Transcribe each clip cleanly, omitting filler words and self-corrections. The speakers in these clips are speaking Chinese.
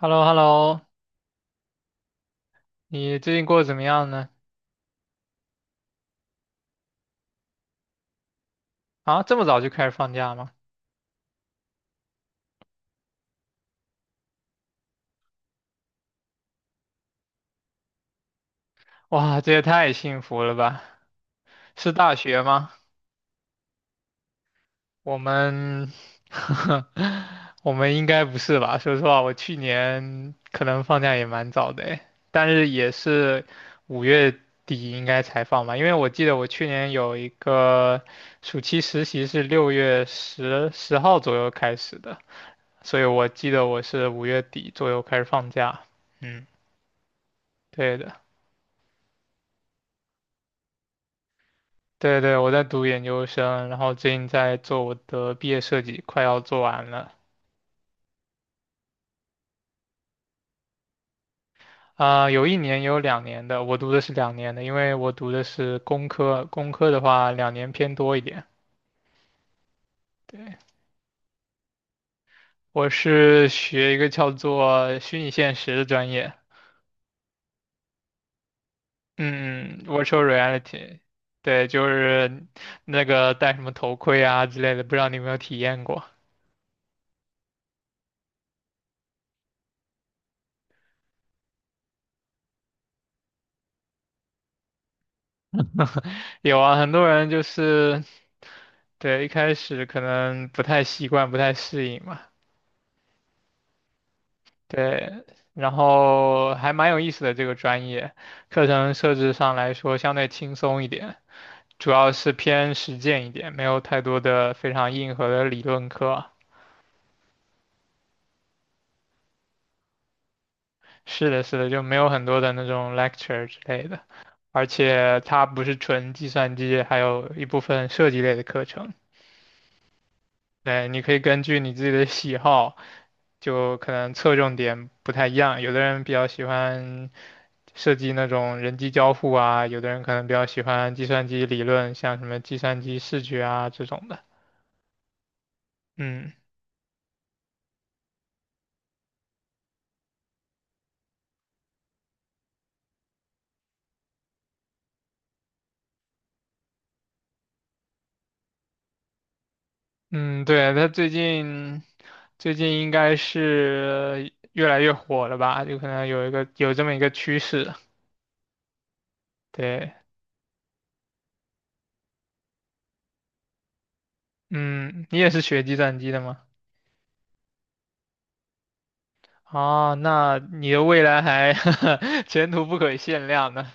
h e l l o h e l l o 你最近过得怎么样呢？啊，这么早就开始放假吗？哇，这也太幸福了吧！是大学吗？我们，我们应该不是吧？说实话，我去年可能放假也蛮早的诶，但是也是五月底应该才放吧，因为我记得我去年有一个暑期实习是六月十号左右开始的，所以我记得我是五月底左右开始放假。嗯，对的。对对，我在读研究生，然后最近在做我的毕业设计，快要做完了。啊、有一年，也有两年的，我读的是两年的，因为我读的是工科，工科的话两年偏多一点。对，我是学一个叫做虚拟现实的专业，嗯嗯，virtual reality，对，就是那个戴什么头盔啊之类的，不知道你有没有体验过？有啊，很多人就是对一开始可能不太习惯，不太适应嘛。对，然后还蛮有意思的这个专业，课程设置上来说相对轻松一点，主要是偏实践一点，没有太多的非常硬核的理论课。是的，是的，就没有很多的那种 lecture 之类的，而且它不是纯计算机，还有一部分设计类的课程。对，你可以根据你自己的喜好，就可能侧重点不太一样。有的人比较喜欢设计那种人机交互啊，有的人可能比较喜欢计算机理论，像什么计算机视觉啊这种的。嗯嗯，对，他最近应该是越来越火了吧？就可能有一个有这么一个趋势。对，嗯，你也是学计算机的吗？哦，那你的未来还 前途不可限量呢。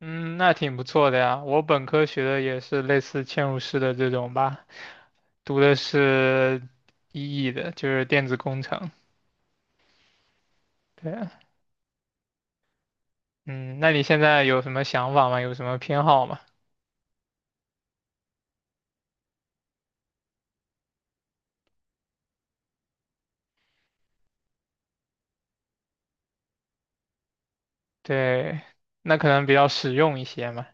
嗯，那挺不错的呀。我本科学的也是类似嵌入式的这种吧，读的是 EE 的，就是电子工程。对啊，嗯，那你现在有什么想法吗？有什么偏好吗？对，那可能比较实用一些嘛。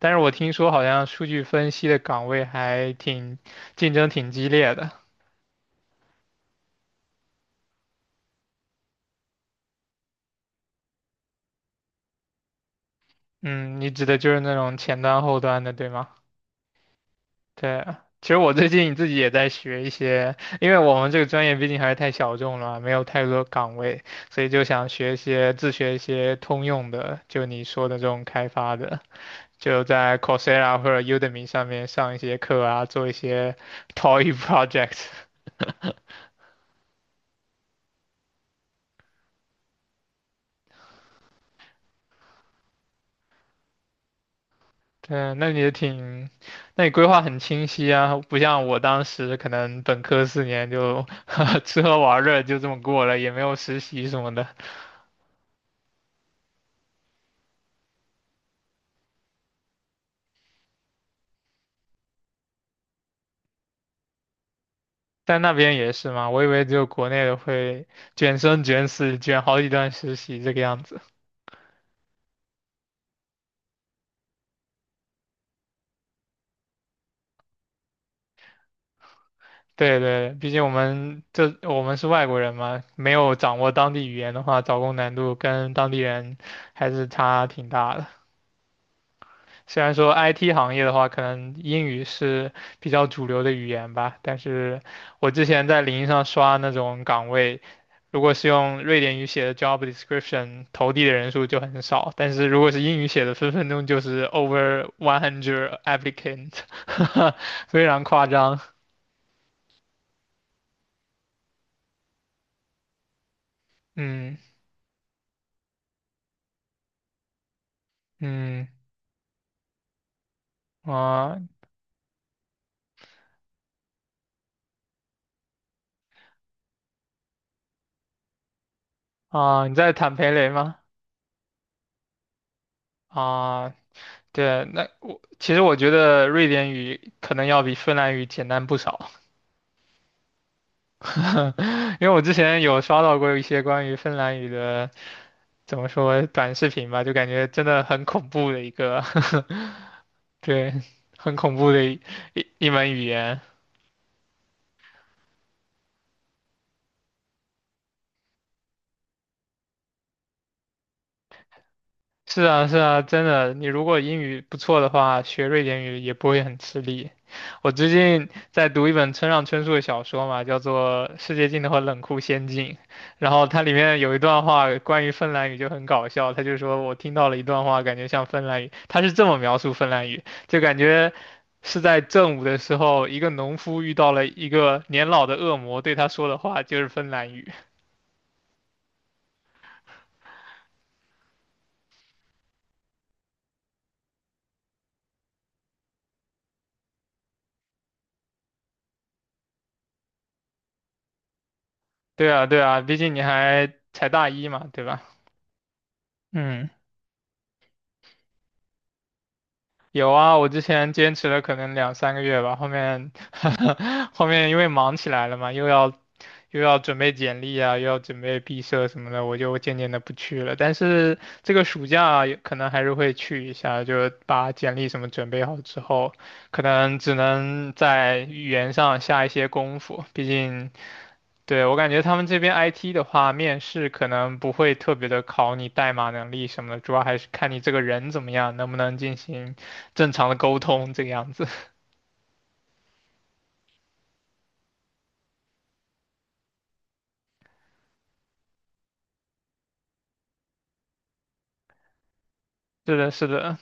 但是我听说好像数据分析的岗位还挺竞争挺激烈的。嗯，你指的就是那种前端后端的，对吗？对，其实我最近自己也在学一些，因为我们这个专业毕竟还是太小众了，没有太多岗位，所以就想学一些自学一些通用的，就你说的这种开发的，就在 Coursera 或者 Udemy 上面上一些课啊，做一些 toy project。对，那你也挺，那你规划很清晰啊，不像我当时可能本科四年就 吃喝玩乐就这么过了，也没有实习什么的。在那边也是吗？我以为只有国内的会卷生卷死，卷好几段实习这个样子。对对，毕竟我们是外国人嘛，没有掌握当地语言的话，找工难度跟当地人还是差挺大的。虽然说 IT 行业的话，可能英语是比较主流的语言吧，但是我之前在领英上刷那种岗位，如果是用瑞典语写的 job description，投递的人数就很少，但是如果是英语写的，分分钟就是 over one hundred applicant，非常夸张。嗯嗯啊啊，你在坦培雷吗？啊，对，那我其实我觉得瑞典语可能要比芬兰语简单不少。因为我之前有刷到过一些关于芬兰语的，怎么说短视频吧，就感觉真的很恐怖的一个，对，很恐怖的一门语言。是啊，是啊，真的，你如果英语不错的话，学瑞典语也不会很吃力。我最近在读一本村上春树的小说嘛，叫做《世界尽头和冷酷仙境》，然后它里面有一段话关于芬兰语就很搞笑，他就说我听到了一段话，感觉像芬兰语，他是这么描述芬兰语，就感觉是在正午的时候，一个农夫遇到了一个年老的恶魔，对他说的话就是芬兰语。对啊，对啊，毕竟你还才大一嘛，对吧？嗯。有啊，我之前坚持了可能两三个月吧，后面 后面因为忙起来了嘛，又要准备简历啊，又要准备毕设什么的，我就渐渐的不去了。但是这个暑假啊也可能还是会去一下，就把简历什么准备好之后，可能只能在语言上下一些功夫，毕竟对，我感觉他们这边 IT 的话，面试可能不会特别的考你代码能力什么的，主要还是看你这个人怎么样，能不能进行正常的沟通这个样子。是的，是的，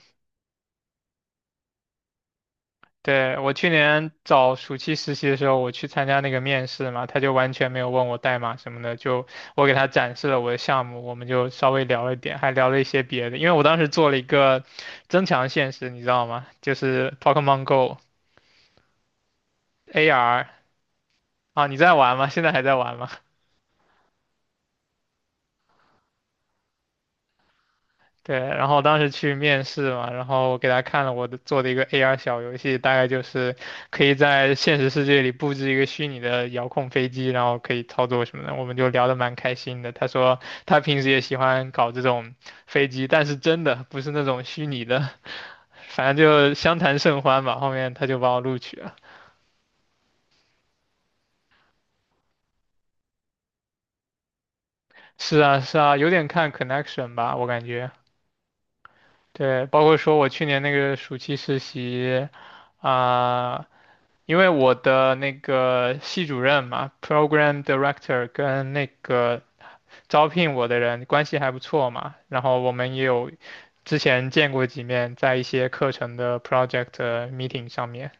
对，我去年找暑期实习的时候，我去参加那个面试嘛，他就完全没有问我代码什么的，就我给他展示了我的项目，我们就稍微聊了一点，还聊了一些别的，因为我当时做了一个增强现实，你知道吗？就是 Pokemon Go AR 啊，你在玩吗？现在还在玩吗？对，然后当时去面试嘛，然后我给他看了我的做的一个 AR 小游戏，大概就是可以在现实世界里布置一个虚拟的遥控飞机，然后可以操作什么的，我们就聊得蛮开心的。他说他平时也喜欢搞这种飞机，但是真的不是那种虚拟的，反正就相谈甚欢吧。后面他就把我录取了。是啊，是啊，有点看 connection 吧，我感觉。对，包括说我去年那个暑期实习。啊、因为我的那个系主任嘛，program director 跟那个招聘我的人关系还不错嘛，然后我们也有之前见过几面，在一些课程的 project meeting 上面，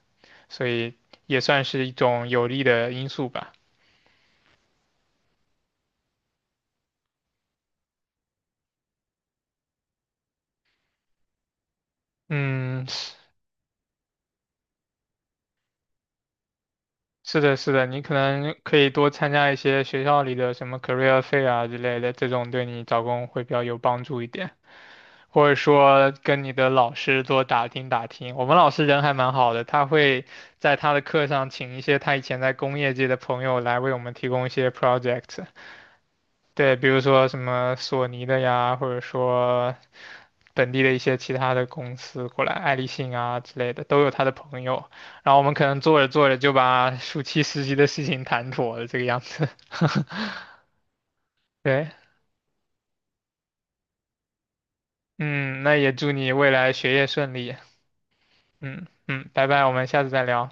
所以也算是一种有利的因素吧。嗯，是的，是的，你可能可以多参加一些学校里的什么 career fair 啊之类的，这种对你找工会比较有帮助一点。或者说跟你的老师多打听打听。我们老师人还蛮好的，他会在他的课上请一些他以前在工业界的朋友来为我们提供一些 project，对，比如说什么索尼的呀，或者说本地的一些其他的公司过来，爱立信啊之类的，都有他的朋友。然后我们可能做着做着就把暑期实习的事情谈妥了，这个样子。对，嗯，那也祝你未来学业顺利。嗯嗯，拜拜，我们下次再聊。